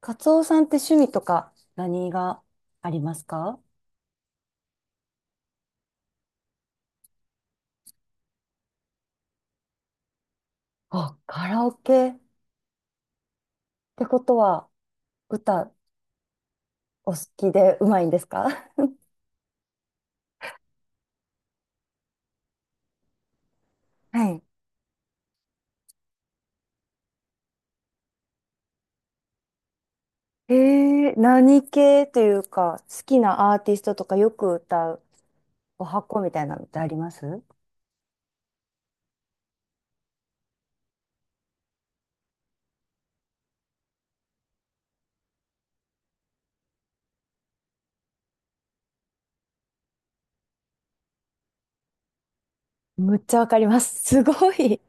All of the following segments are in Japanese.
カツオさんって趣味とか何がありますか？あ、カラオケってことは歌お好きでうまいんですか？ はい。何系というか、好きなアーティストとかよく歌う、お箱みたいなのってあります？むっちゃわかります。すごい。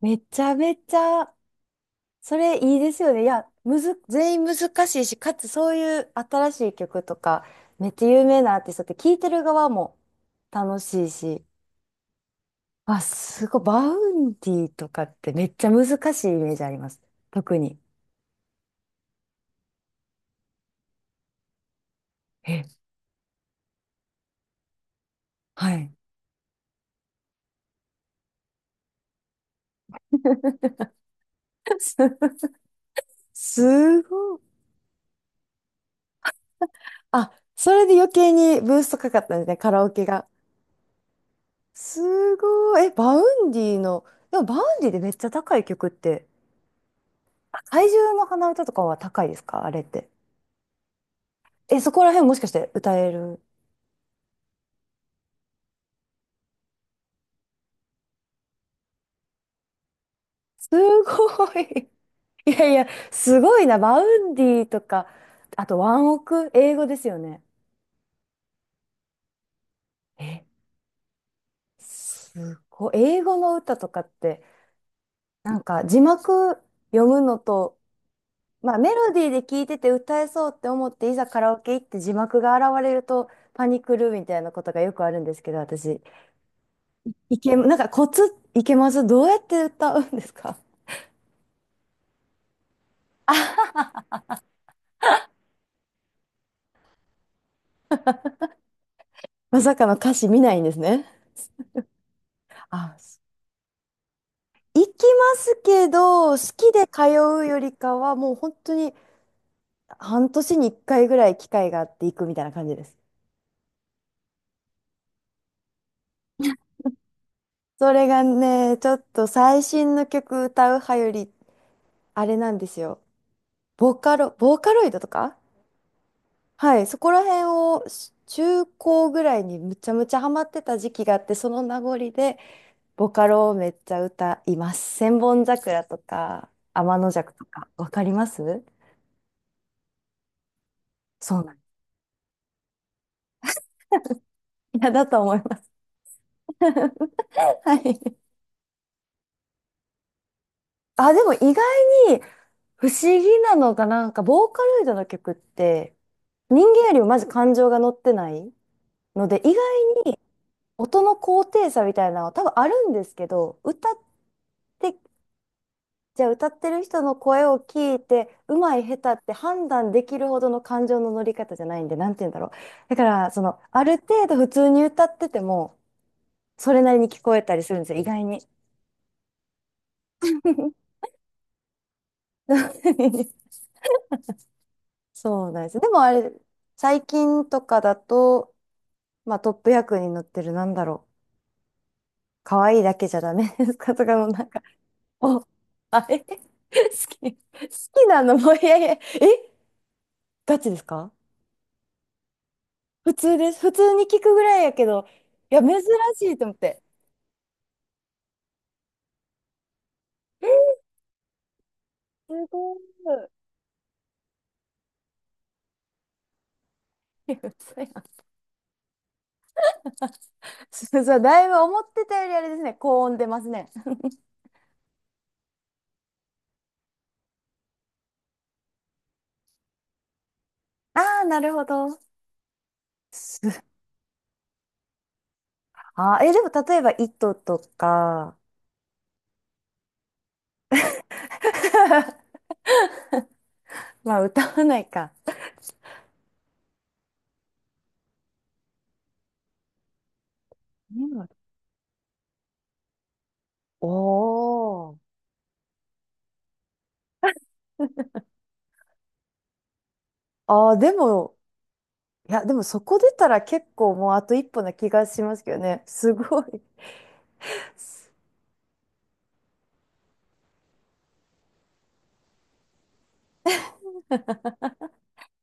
めちゃめちゃ、それいいですよね。いや、むず、全員難しいし、かつそういう新しい曲とか、めっちゃ有名なアーティストって聴いてる側も楽しいし、あ、すごい。バウンディとかってめっちゃ難しいイメージあります。特に。え、はい。す、すごい。あ、それで余計にブーストかかったんですね、カラオケが。すごい。え、バウンディの、でもバウンディでめっちゃ高い曲って、あ怪獣の花歌とかは高いですかあれって。え、そこら辺もしかして歌える？すごい。いやいや、すごいな。バウンディとか、あとワンオク、英語ですよね。えすごい。英語の歌とかって、なんか字幕読むのと、まあメロディーで聞いてて歌えそうって思って、いざカラオケ行って字幕が現れるとパニクるみたいなことがよくあるんですけど、私。いけ、なんかコツいけます？どうやって歌うんですか？あ、まさかの歌詞見ないんですね。あ、行きますけど、好きで通うよりかは、もう本当に半年に1回ぐらい機会があって行くみたいな感じです。それがね、ちょっと最新の曲歌う派より、あれなんですよ。ボカロ、ボーカロイドとかはい、そこら辺をし中高ぐらいにむちゃむちゃハマってた時期があって、その名残で、ボカロをめっちゃ歌います。千本桜とか、天の尺とか、わかります？そうなん。いや、だと思います。はい。あ、でも意外に不思議なのが、なんか、ボーカロイドの曲って、人間よりもまず感情が乗ってないので、意外音の高低差みたいなのは多分あるんですけど、歌って、じゃあ歌ってる人の声を聞いて、うまい下手って判断できるほどの感情の乗り方じゃないんで、なんて言うんだろう。だから、その、ある程度普通に歌ってても、それなりに聞こえたりするんですよ、意外に。そうなんです。でもあれ、最近とかだと、まあトップ役に載ってるなんだろう。可愛いだけじゃダメですかとかのなんか、お、あれ好き、好きなのもういやいや、えガチですか？普通です。普通に聞くぐらいやけど、いや、珍しいと思って。すごい。いや嘘やん。そうそう、だいぶ思ってたよりあれですね、高音出ますね。ああ、なるほど。すあー、え、でも例えば、糸とか、まあ、歌わないか。おおー。あー、でも、いや、でもそこ出たら結構もうあと一歩な気がしますけどね。すごい。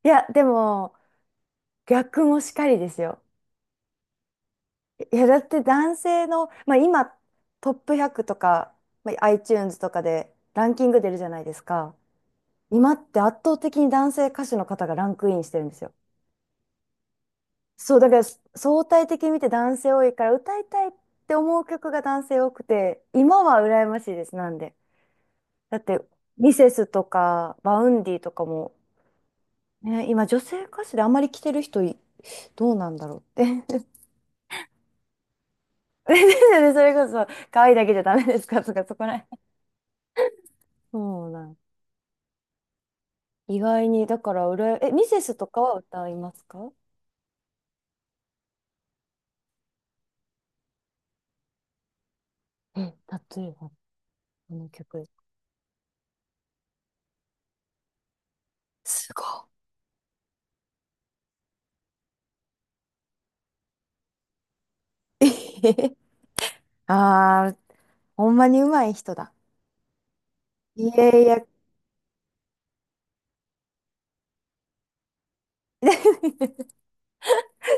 いや、でも、逆もしかりですよ。いや、だって男性の、まあ、今トップ100とか、まあ、iTunes とかでランキング出るじゃないですか。今って圧倒的に男性歌手の方がランクインしてるんですよ。そう、だから相対的に見て男性多いから歌いたいって思う曲が男性多くて、今は羨ましいです、なんで。だって、ミセスとか、バウンディとかも、ね、今女性歌手であんまり来てる人い、どうなんだろうって。それこそ、可愛いだけじゃダメですかとか、そこらへん。そうなん意外に、だから、うらえ、ミセスとかは歌いますか？うん、例えば、この曲。すごい。ああ、ほんまに上手い人だ。いやいや、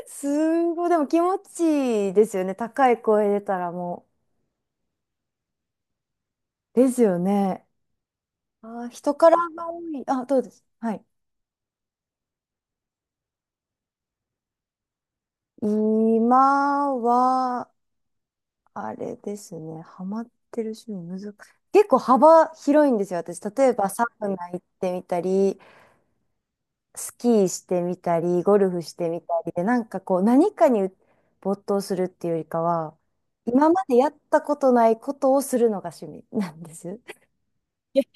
すごい。でも気持ちいいですよね。高い声出たらもうですよね。あー、人からが多い。あ、どうです。はい。今は、あれですね。ハマってる趣味難しい。結構幅広いんですよ、私。例えばサウナ行ってみたり、スキーしてみたり、ゴルフしてみたりで、なんかこう、何かに没頭するっていうよりかは、今までやったことないことをするのが趣味なんです。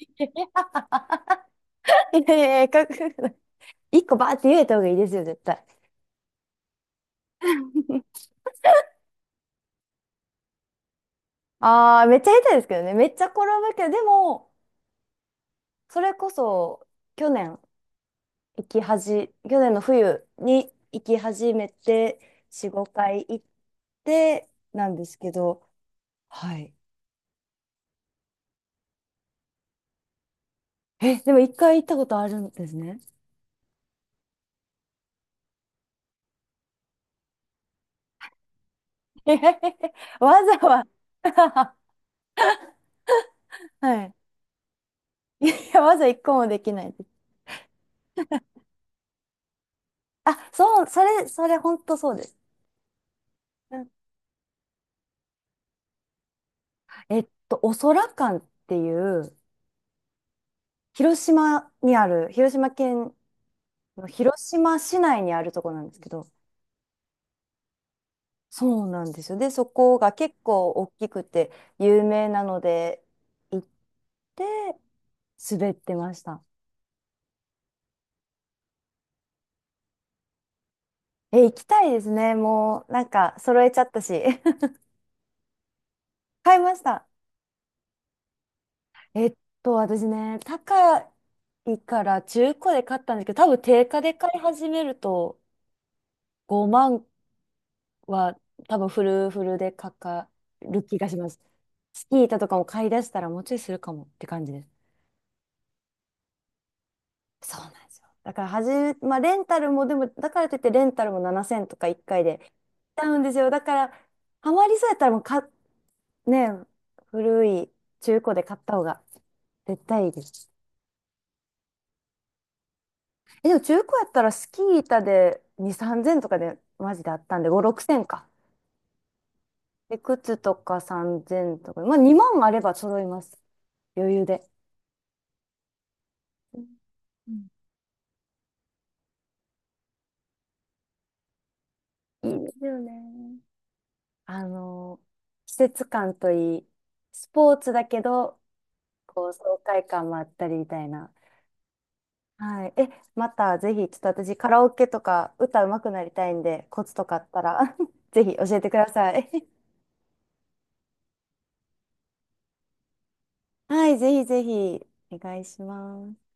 いいやいや、かっこよくない？一個バーって言えた方がいいですよ、絶対。ああ、めっちゃ下手ですけどね。めっちゃ転ぶけど、でも、それこそ、去年、行きはじ、去年の冬に行き始めて、4、5回行って、なんですけど、はい。え、でも一回行ったことあるんですね。えへへへわざわ、はい。いや、わざ一個もできないです。あ、そう、それ、本当そうです。うんえっと、お空館っていう、広島にある、広島県の広島市内にあるところなんですけど、そうなんですよ。で、そこが結構大きくて有名なので、行って滑ってました。え、行きたいですね。もう、なんか、揃えちゃったし。買いました。えっ私ね、高いから中古で買ったんですけど、多分定価で買い始めると5万は多分フルフルでかかる気がします。スキー板とかも買い出したらもうちょいするかもって感じです。そうなんですよ。だからはじめ、まあレンタルもでも、だからといってレンタルも7,000とか1回で買うんですよ。だから、ハマりそうやったらもうか、ね、古い中古で買った方が絶対いいです。え、でも中古やったらスキー板で2、3,000とかでマジであったんで、5、6,000か。で、靴とか3,000とか、まあ2万あれば揃います。余裕で。うんいいでねすよね。あのー季節感といい、スポーツだけど、こう爽快感もあったりみたいな。はい。え、またぜひ、ちょっと私カラオケとか歌うまくなりたいんで、コツとかあったら ぜひ教えてください。はい、ぜひぜひ、お願いします。